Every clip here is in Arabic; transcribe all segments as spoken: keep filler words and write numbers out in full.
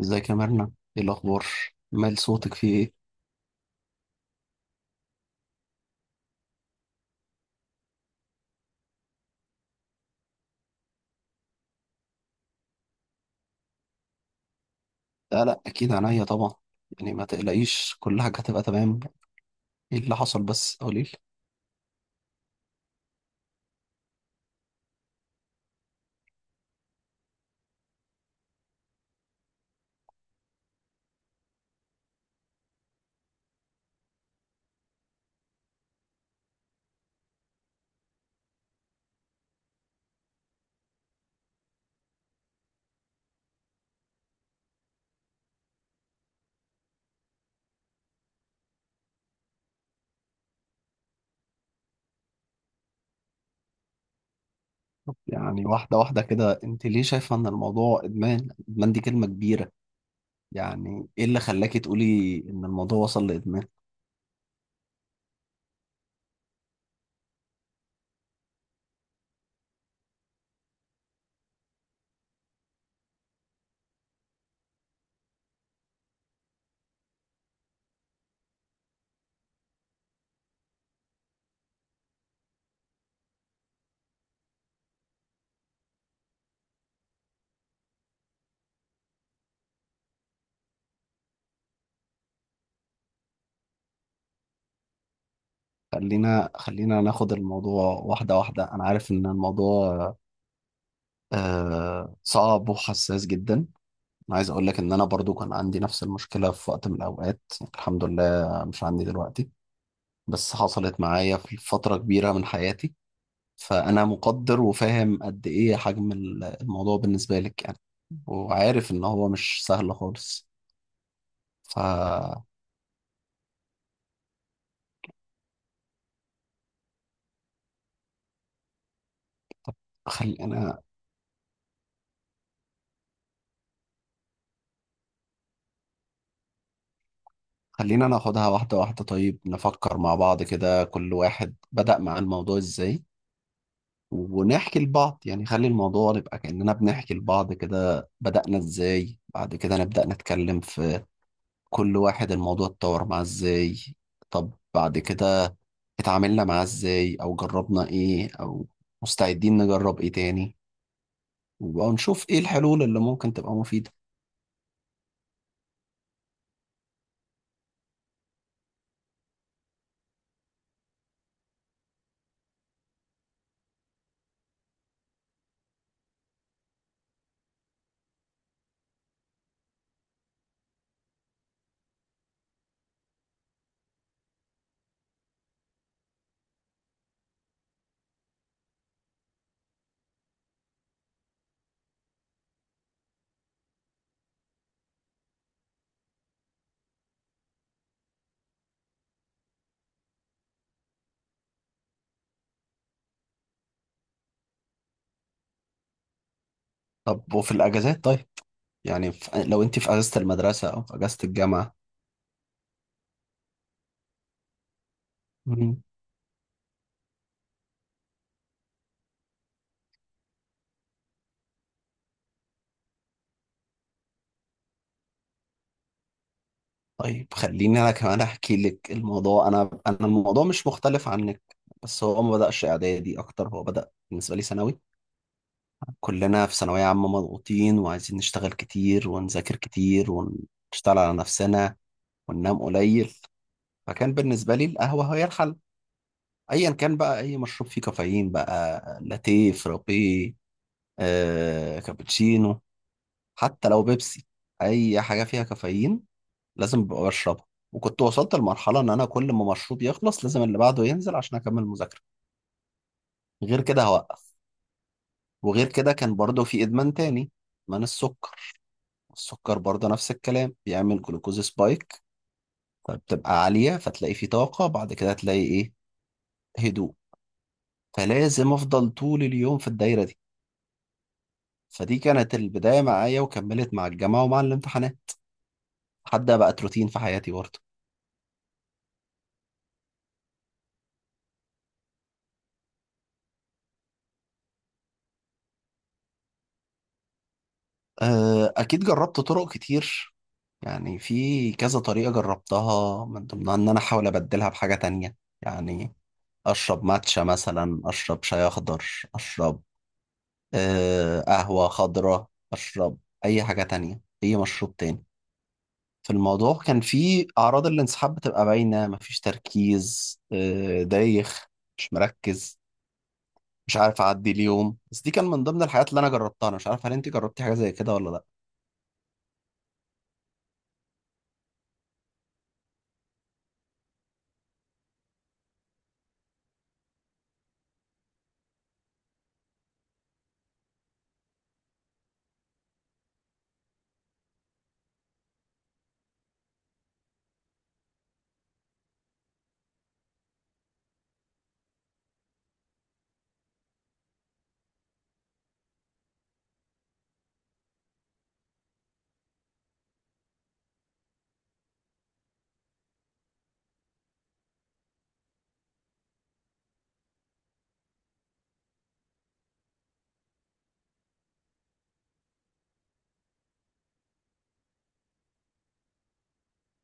ازيك يا مرنة؟ ايه الاخبار؟ مال صوتك، فيه ايه؟ لا، لا، اكيد عينيا طبعا. يعني ما تقلقيش، كل حاجه هتبقى تمام. ايه اللي حصل بس؟ قولي لي. يعني واحده واحده كده، انت ليه شايفه ان الموضوع ادمان؟ ادمان دي كلمه كبيره. يعني ايه اللي خلاكي تقولي ان الموضوع وصل لادمان؟ خلينا خلينا ناخد الموضوع واحده واحده. انا عارف ان الموضوع آه صعب وحساس جدا. انا عايز اقول لك ان انا برضو كان عندي نفس المشكله في وقت من الاوقات. الحمد لله مش عندي دلوقتي، بس حصلت معايا في فترة كبيرة من حياتي. فأنا مقدر وفاهم قد إيه حجم ال- الموضوع بالنسبة لك يعني، وعارف إن هو مش سهل خالص. فخلينا خلينا ناخدها واحدة واحدة. طيب، نفكر مع بعض كده، كل واحد بدأ مع الموضوع إزاي، ونحكي لبعض. يعني خلي الموضوع يبقى كأننا بنحكي لبعض كده. بدأنا إزاي، بعد كده نبدأ نتكلم في كل واحد الموضوع اتطور معاه إزاي. طب بعد كده اتعاملنا معاه ازاي، او جربنا ايه، او مستعدين نجرب ايه تاني، ونشوف ايه الحلول اللي ممكن تبقى مفيدة. طب وفي الاجازات؟ طيب، يعني في، لو انت في اجازة المدرسة او في اجازة الجامعة. مم. طيب، خليني انا كمان احكي لك الموضوع. انا انا الموضوع مش مختلف عنك، بس هو ما بدأش اعدادي اكتر، هو بدأ بالنسبة لي ثانوي. كلنا في ثانوية عامة مضغوطين، وعايزين نشتغل كتير ونذاكر كتير ونشتغل على نفسنا وننام قليل. فكان بالنسبة لي القهوة هي الحل، ايا كان بقى اي مشروب فيه كافيين، بقى لاتيه، فرابيه، آه، كابتشينو، حتى لو بيبسي، اي حاجه فيها كافيين لازم ببقى بشربها. وكنت وصلت لمرحله ان انا كل ما مشروب يخلص لازم اللي بعده ينزل عشان اكمل مذاكره، غير كده هوقف. وغير كده كان برضه في ادمان تاني، ادمان السكر. السكر برضه نفس الكلام، بيعمل جلوكوز سبايك، فبتبقى عاليه فتلاقي في طاقه، بعد كده تلاقي ايه؟ هدوء. فلازم افضل طول اليوم في الدايره دي. فدي كانت البداية معايا، وكملت مع الجامعة ومع الامتحانات، لحد ما بقت روتين في حياتي برضه. أه، أكيد جربت طرق كتير. يعني في كذا طريقة جربتها، من ضمنها إن أنا أحاول أبدلها بحاجة تانية. يعني أشرب ماتشا مثلا، أشرب شاي أخضر، أشرب أه، قهوة خضراء، أشرب أي حاجة تانية، أي مشروب تاني. في الموضوع كان في أعراض الانسحاب بتبقى باينة، مفيش تركيز، أه، دايخ، مش مركز، مش عارف اعدي اليوم. بس دي كان من ضمن الحاجات اللي انا جربتها. انا مش عارف هل انت جربتي حاجه زي كده ولا لا؟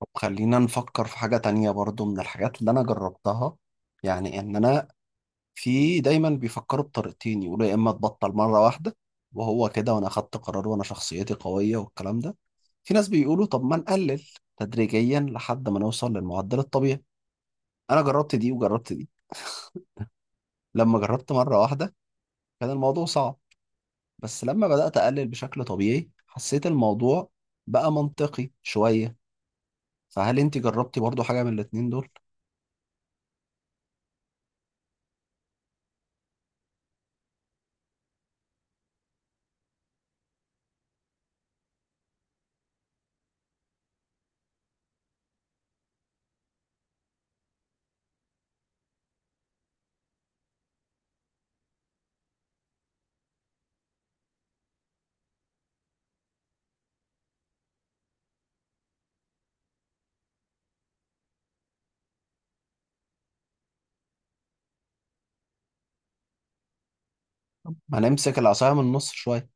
طب خلينا نفكر في حاجه تانية برضو، من الحاجات اللي انا جربتها، يعني ان انا، في دايما بيفكروا بطريقتين. يقولوا يا اما تبطل مره واحده وهو كده، وانا اخدت قرار وانا شخصيتي قويه والكلام ده. في ناس بيقولوا طب ما نقلل تدريجيا لحد ما نوصل للمعدل الطبيعي. انا جربت دي وجربت دي. لما جربت مره واحده كان الموضوع صعب، بس لما بدأت أقلل بشكل طبيعي حسيت الموضوع بقى منطقي شوية. فهل أنت جربتي برضو حاجة من الاتنين دول؟ ما نمسك العصاية من النص شوية.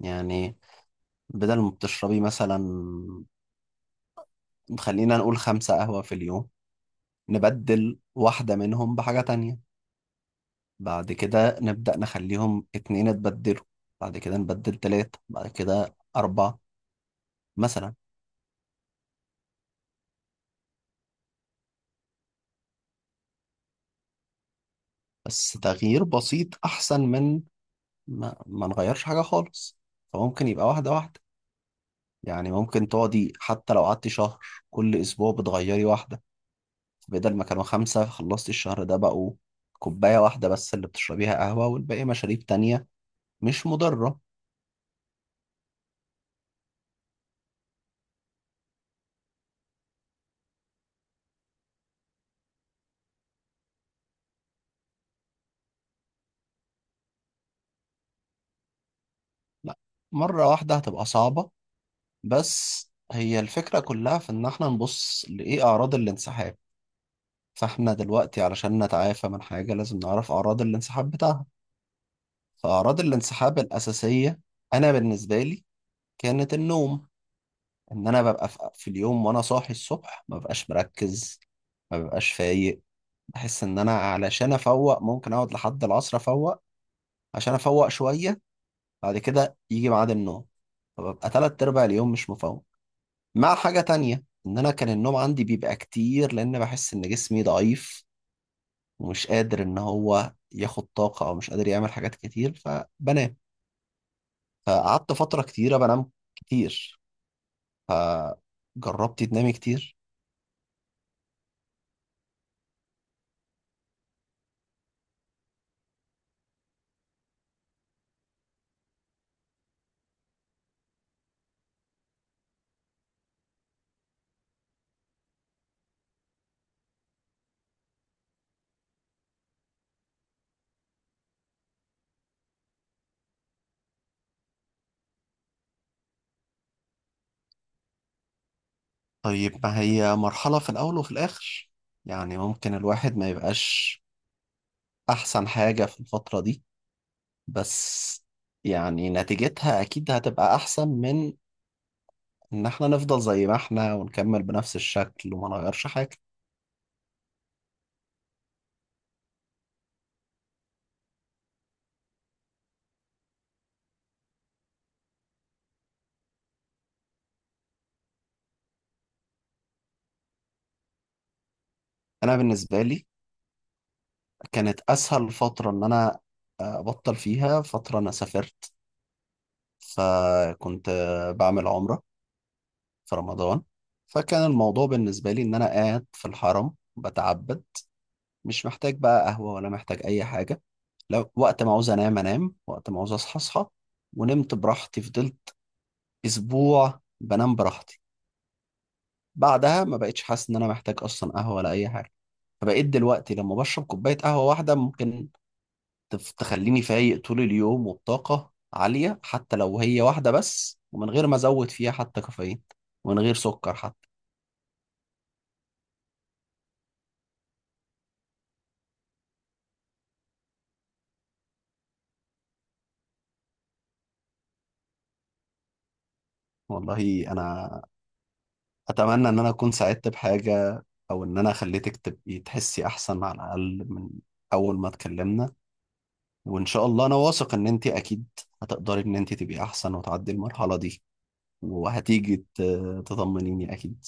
يعني بدل ما بتشربي مثلا، خلينا نقول خمسة قهوة في اليوم، نبدل واحدة منهم بحاجة تانية، بعد كده نبدأ نخليهم اتنين اتبدلوا، بعد كده نبدل تلاتة، بعد كده أربعة، مثلا. بس تغيير بسيط أحسن من ما, ما نغيرش حاجة خالص. فممكن يبقى واحدة واحدة، يعني ممكن تقعدي حتى لو قعدتي شهر، كل اسبوع بتغيري واحده. بدل ما كانوا خمسه، خلصتي الشهر ده بقوا كوبايه واحده بس اللي بتشربيها قهوه، والباقي مشاريب تانية مش مضره. لا، مره واحده هتبقى صعبه، بس هي الفكره كلها في ان احنا نبص لايه اعراض الانسحاب. فاحنا دلوقتي علشان نتعافى من حاجه لازم نعرف اعراض الانسحاب بتاعها. فاعراض الانسحاب الاساسيه، انا بالنسبه لي، كانت النوم. ان انا ببقى في في اليوم وانا صاحي الصبح ما ببقاش مركز، ما ببقاش فايق. بحس ان انا علشان افوق ممكن اقعد لحد العصر افوق، عشان افوق شوية، بعد كده يجي ميعاد النوم، فببقى تلات ارباع اليوم مش مفوق. مع حاجة تانية، ان انا كان النوم عندي بيبقى كتير، لان بحس ان جسمي ضعيف ومش قادر ان هو ياخد طاقة، او مش قادر يعمل حاجات كتير، فبنام. فقعدت فترة كتيرة بنام كتير. فجربتي تنامي كتير؟ طيب، ما هي مرحلة، في الأول وفي الآخر. يعني ممكن الواحد ما يبقاش أحسن حاجة في الفترة دي، بس يعني نتيجتها أكيد هتبقى أحسن من إن إحنا نفضل زي ما إحنا ونكمل بنفس الشكل وما نغيرش حاجة. أنا بالنسبة لي كانت أسهل فترة إن أنا أبطل فيها، فترة أنا سافرت، فكنت بعمل عمرة في رمضان. فكان الموضوع بالنسبة لي إن أنا قاعد في الحرم بتعبد، مش محتاج بقى قهوة ولا محتاج أي حاجة. لو وقت ما عاوز أنام أنام، وقت ما عاوز أصحى أصحى. ونمت براحتي، فضلت أسبوع بنام براحتي، بعدها ما بقتش حاسس إن أنا محتاج أصلا قهوة ولا أي حاجة. فبقيت دلوقتي لما بشرب كوباية قهوة واحدة ممكن تف- تخليني فايق طول اليوم وبطاقة عالية، حتى لو هي واحدة بس، ومن غير ما أزود فيها حتى كافيين، ومن غير سكر حتى. والله أنا اتمنى ان انا اكون ساعدت بحاجه، او ان انا خليتك تبقي تحسي احسن على الاقل من اول ما اتكلمنا. وان شاء الله، انا واثق ان انت اكيد هتقدري ان انت تبقي احسن وتعدي المرحله دي، وهتيجي ت- تطمنيني اكيد.